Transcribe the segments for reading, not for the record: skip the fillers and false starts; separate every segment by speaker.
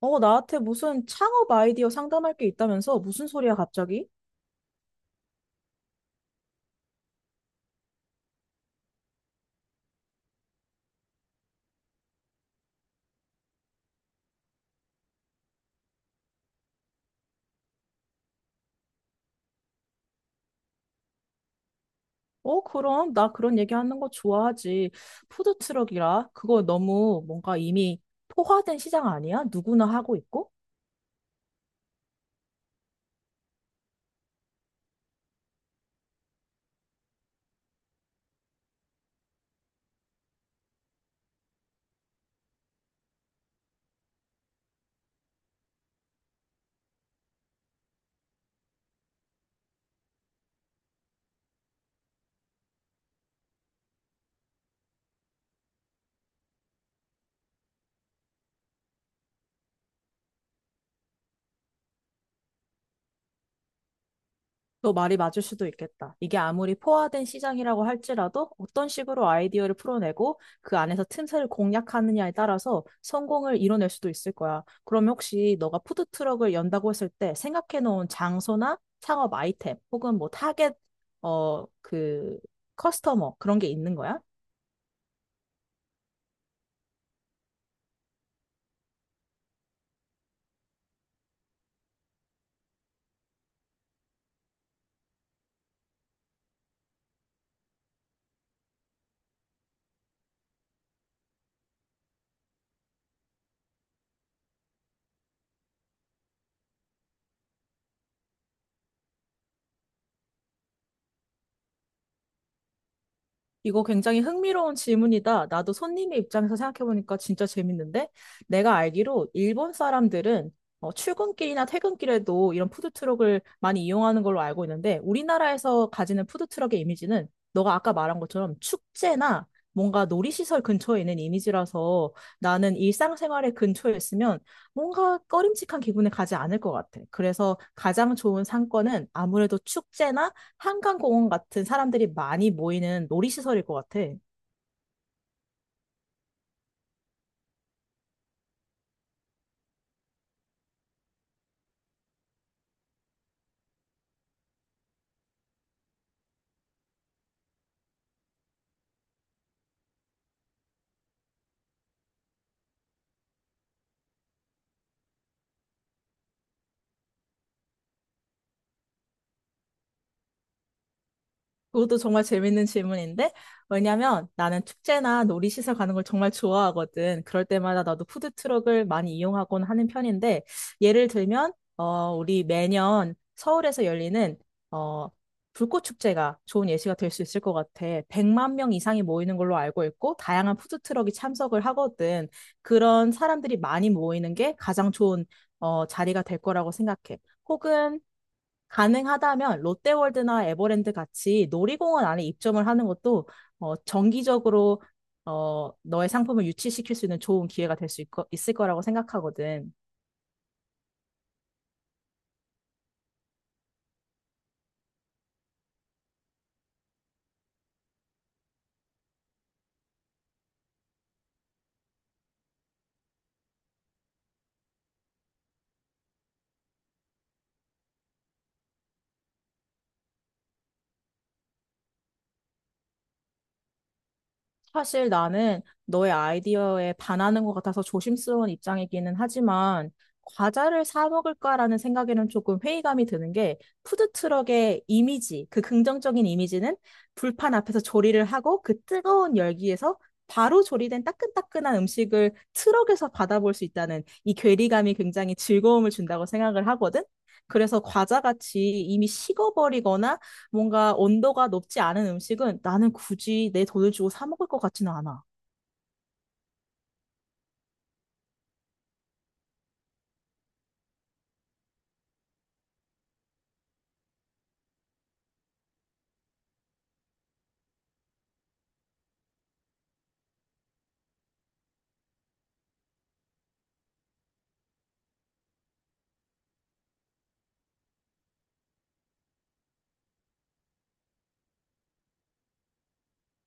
Speaker 1: 어, 나한테 무슨 창업 아이디어 상담할 게 있다면서? 무슨 소리야, 갑자기? 그럼. 나 그런 얘기하는 거 좋아하지. 푸드트럭이라? 그거 너무 뭔가 이미 포화된 시장 아니야? 누구나 하고 있고? 너 말이 맞을 수도 있겠다. 이게 아무리 포화된 시장이라고 할지라도 어떤 식으로 아이디어를 풀어내고 그 안에서 틈새를 공략하느냐에 따라서 성공을 이뤄낼 수도 있을 거야. 그러면 혹시 너가 푸드트럭을 연다고 했을 때 생각해 놓은 장소나 창업 아이템 혹은 뭐 타겟, 어, 그, 커스터머 그런 게 있는 거야? 이거 굉장히 흥미로운 질문이다. 나도 손님의 입장에서 생각해보니까 진짜 재밌는데? 내가 알기로 일본 사람들은 출근길이나 퇴근길에도 이런 푸드트럭을 많이 이용하는 걸로 알고 있는데, 우리나라에서 가지는 푸드트럭의 이미지는 너가 아까 말한 것처럼 축제나 뭔가 놀이시설 근처에 있는 이미지라서 나는 일상생활의 근처에 있으면 뭔가 꺼림칙한 기분에 가지 않을 것 같아. 그래서 가장 좋은 상권은 아무래도 축제나 한강공원 같은 사람들이 많이 모이는 놀이시설일 것 같아. 그것도 정말 재밌는 질문인데, 왜냐면 나는 축제나 놀이시설 가는 걸 정말 좋아하거든. 그럴 때마다 나도 푸드트럭을 많이 이용하곤 하는 편인데, 예를 들면, 우리 매년 서울에서 열리는, 어, 불꽃축제가 좋은 예시가 될 수 있을 것 같아. 100만 명 이상이 모이는 걸로 알고 있고, 다양한 푸드트럭이 참석을 하거든. 그런 사람들이 많이 모이는 게 가장 좋은, 자리가 될 거라고 생각해. 혹은 가능하다면 롯데월드나 에버랜드 같이 놀이공원 안에 입점을 하는 것도 정기적으로 너의 상품을 유치시킬 수 있는 좋은 기회가 될 수 있을 거라고 생각하거든. 사실 나는 너의 아이디어에 반하는 것 같아서 조심스러운 입장이기는 하지만 과자를 사 먹을까라는 생각에는 조금 회의감이 드는 게 푸드트럭의 이미지, 그 긍정적인 이미지는 불판 앞에서 조리를 하고 그 뜨거운 열기에서 바로 조리된 따끈따끈한 음식을 트럭에서 받아볼 수 있다는 이 괴리감이 굉장히 즐거움을 준다고 생각을 하거든. 그래서 과자같이 이미 식어버리거나 뭔가 온도가 높지 않은 음식은 나는 굳이 내 돈을 주고 사 먹을 것 같지는 않아.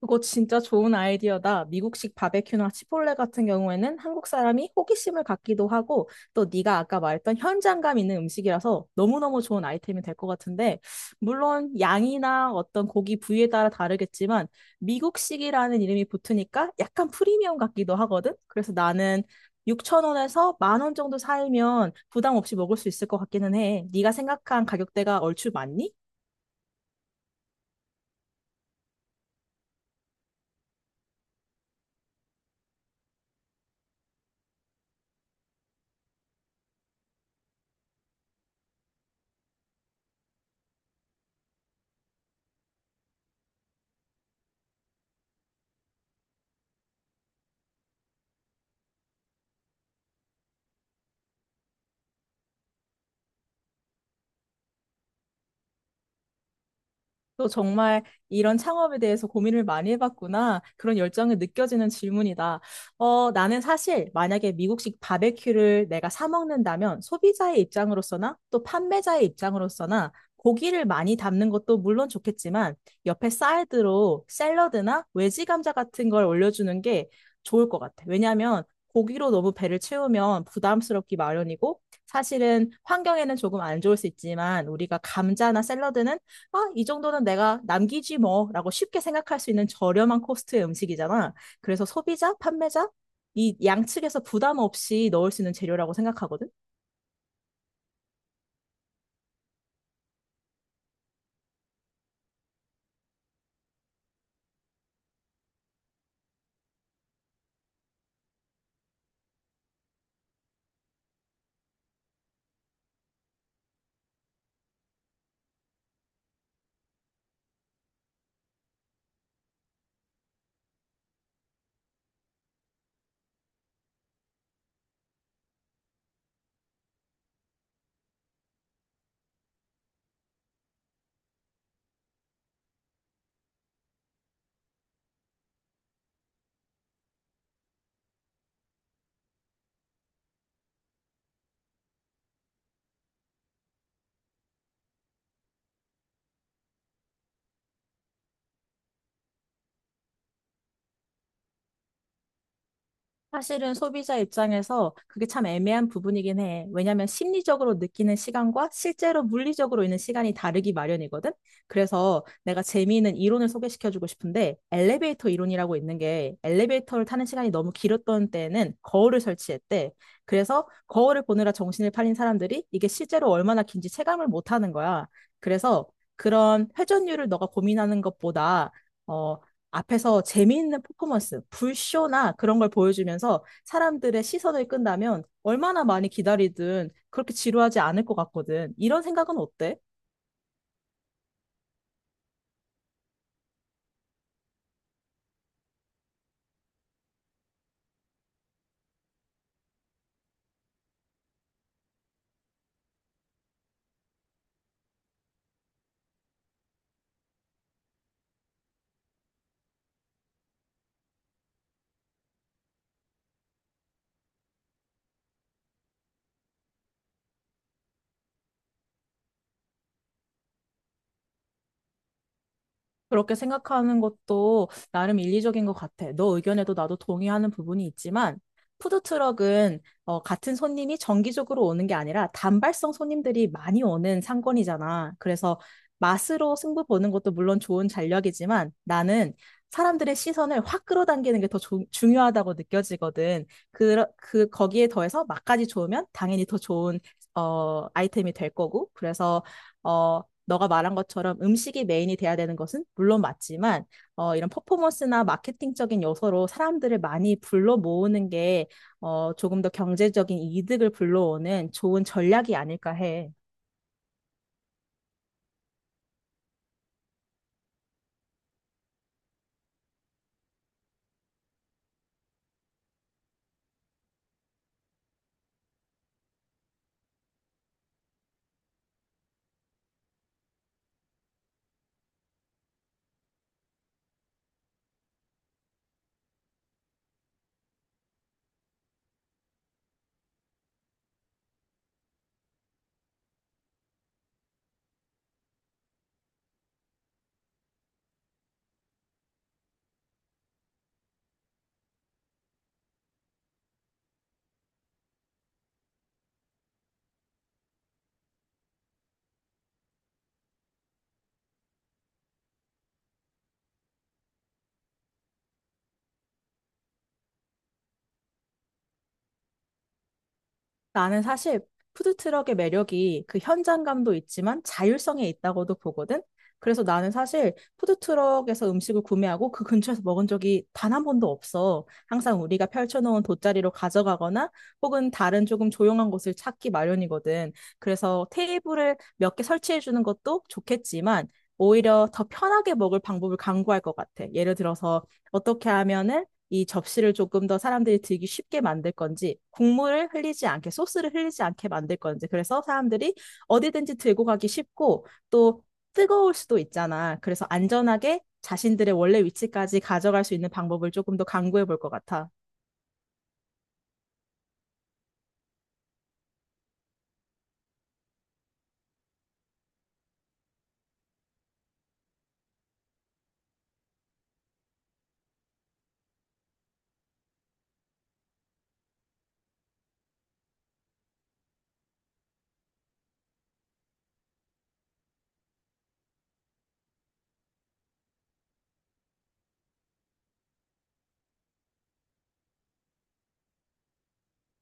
Speaker 1: 그거 진짜 좋은 아이디어다. 미국식 바베큐나 치폴레 같은 경우에는 한국 사람이 호기심을 갖기도 하고 또 네가 아까 말했던 현장감 있는 음식이라서 너무너무 좋은 아이템이 될 것 같은데 물론 양이나 어떤 고기 부위에 따라 다르겠지만 미국식이라는 이름이 붙으니까 약간 프리미엄 같기도 하거든. 그래서 나는 6천 원에서 1만 원 정도 살면 부담 없이 먹을 수 있을 것 같기는 해. 네가 생각한 가격대가 얼추 맞니? 너 정말 이런 창업에 대해서 고민을 많이 해봤구나. 그런 열정이 느껴지는 질문이다. 나는 사실 만약에 미국식 바베큐를 내가 사 먹는다면 소비자의 입장으로서나 또 판매자의 입장으로서나 고기를 많이 담는 것도 물론 좋겠지만 옆에 사이드로 샐러드나 외지 감자 같은 걸 올려주는 게 좋을 것 같아. 왜냐하면 고기로 너무 배를 채우면 부담스럽기 마련이고 사실은 환경에는 조금 안 좋을 수 있지만 우리가 감자나 샐러드는 아, 이 정도는 내가 남기지 뭐, 라고 쉽게 생각할 수 있는 저렴한 코스트의 음식이잖아. 그래서 소비자, 판매자, 이 양측에서 부담 없이 넣을 수 있는 재료라고 생각하거든. 사실은 소비자 입장에서 그게 참 애매한 부분이긴 해. 왜냐하면 심리적으로 느끼는 시간과 실제로 물리적으로 있는 시간이 다르기 마련이거든. 그래서 내가 재미있는 이론을 소개시켜주고 싶은데 엘리베이터 이론이라고 있는 게 엘리베이터를 타는 시간이 너무 길었던 때에는 거울을 설치했대. 그래서 거울을 보느라 정신을 팔린 사람들이 이게 실제로 얼마나 긴지 체감을 못하는 거야. 그래서 그런 회전율을 너가 고민하는 것보다 어, 앞에서 재미있는 퍼포먼스, 불쇼나 그런 걸 보여주면서 사람들의 시선을 끈다면 얼마나 많이 기다리든 그렇게 지루하지 않을 것 같거든. 이런 생각은 어때? 그렇게 생각하는 것도 나름 일리적인 것 같아. 너 의견에도 나도 동의하는 부분이 있지만, 푸드트럭은 같은 손님이 정기적으로 오는 게 아니라 단발성 손님들이 많이 오는 상권이잖아. 그래서 맛으로 승부 보는 것도 물론 좋은 전략이지만 나는 사람들의 시선을 확 끌어당기는 게 더 중요하다고 느껴지거든. 거기에 더해서 맛까지 좋으면 당연히 더 좋은 아이템이 될 거고. 그래서 어, 너가 말한 것처럼 음식이 메인이 돼야 되는 것은 물론 맞지만 이런 퍼포먼스나 마케팅적인 요소로 사람들을 많이 불러 모으는 게 조금 더 경제적인 이득을 불러오는 좋은 전략이 아닐까 해. 나는 사실 푸드트럭의 매력이 그 현장감도 있지만 자율성에 있다고도 보거든. 그래서 나는 사실 푸드트럭에서 음식을 구매하고 그 근처에서 먹은 적이 단 한 번도 없어. 항상 우리가 펼쳐놓은 돗자리로 가져가거나 혹은 다른 조금 조용한 곳을 찾기 마련이거든. 그래서 테이블을 몇 개 설치해 주는 것도 좋겠지만 오히려 더 편하게 먹을 방법을 강구할 것 같아. 예를 들어서 어떻게 하면은 이 접시를 조금 더 사람들이 들기 쉽게 만들 건지, 국물을 흘리지 않게, 소스를 흘리지 않게 만들 건지, 그래서 사람들이 어디든지 들고 가기 쉽고, 또 뜨거울 수도 있잖아. 그래서 안전하게 자신들의 원래 위치까지 가져갈 수 있는 방법을 조금 더 강구해 볼 것 같아.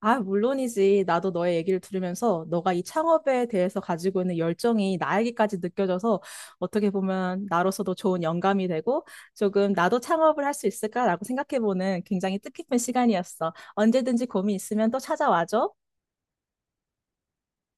Speaker 1: 아, 물론이지. 나도 너의 얘기를 들으면서 너가 이 창업에 대해서 가지고 있는 열정이 나에게까지 느껴져서 어떻게 보면 나로서도 좋은 영감이 되고 조금 나도 창업을 할 수 있을까라고 생각해보는 굉장히 뜻깊은 시간이었어. 언제든지 고민 있으면 또 찾아와줘.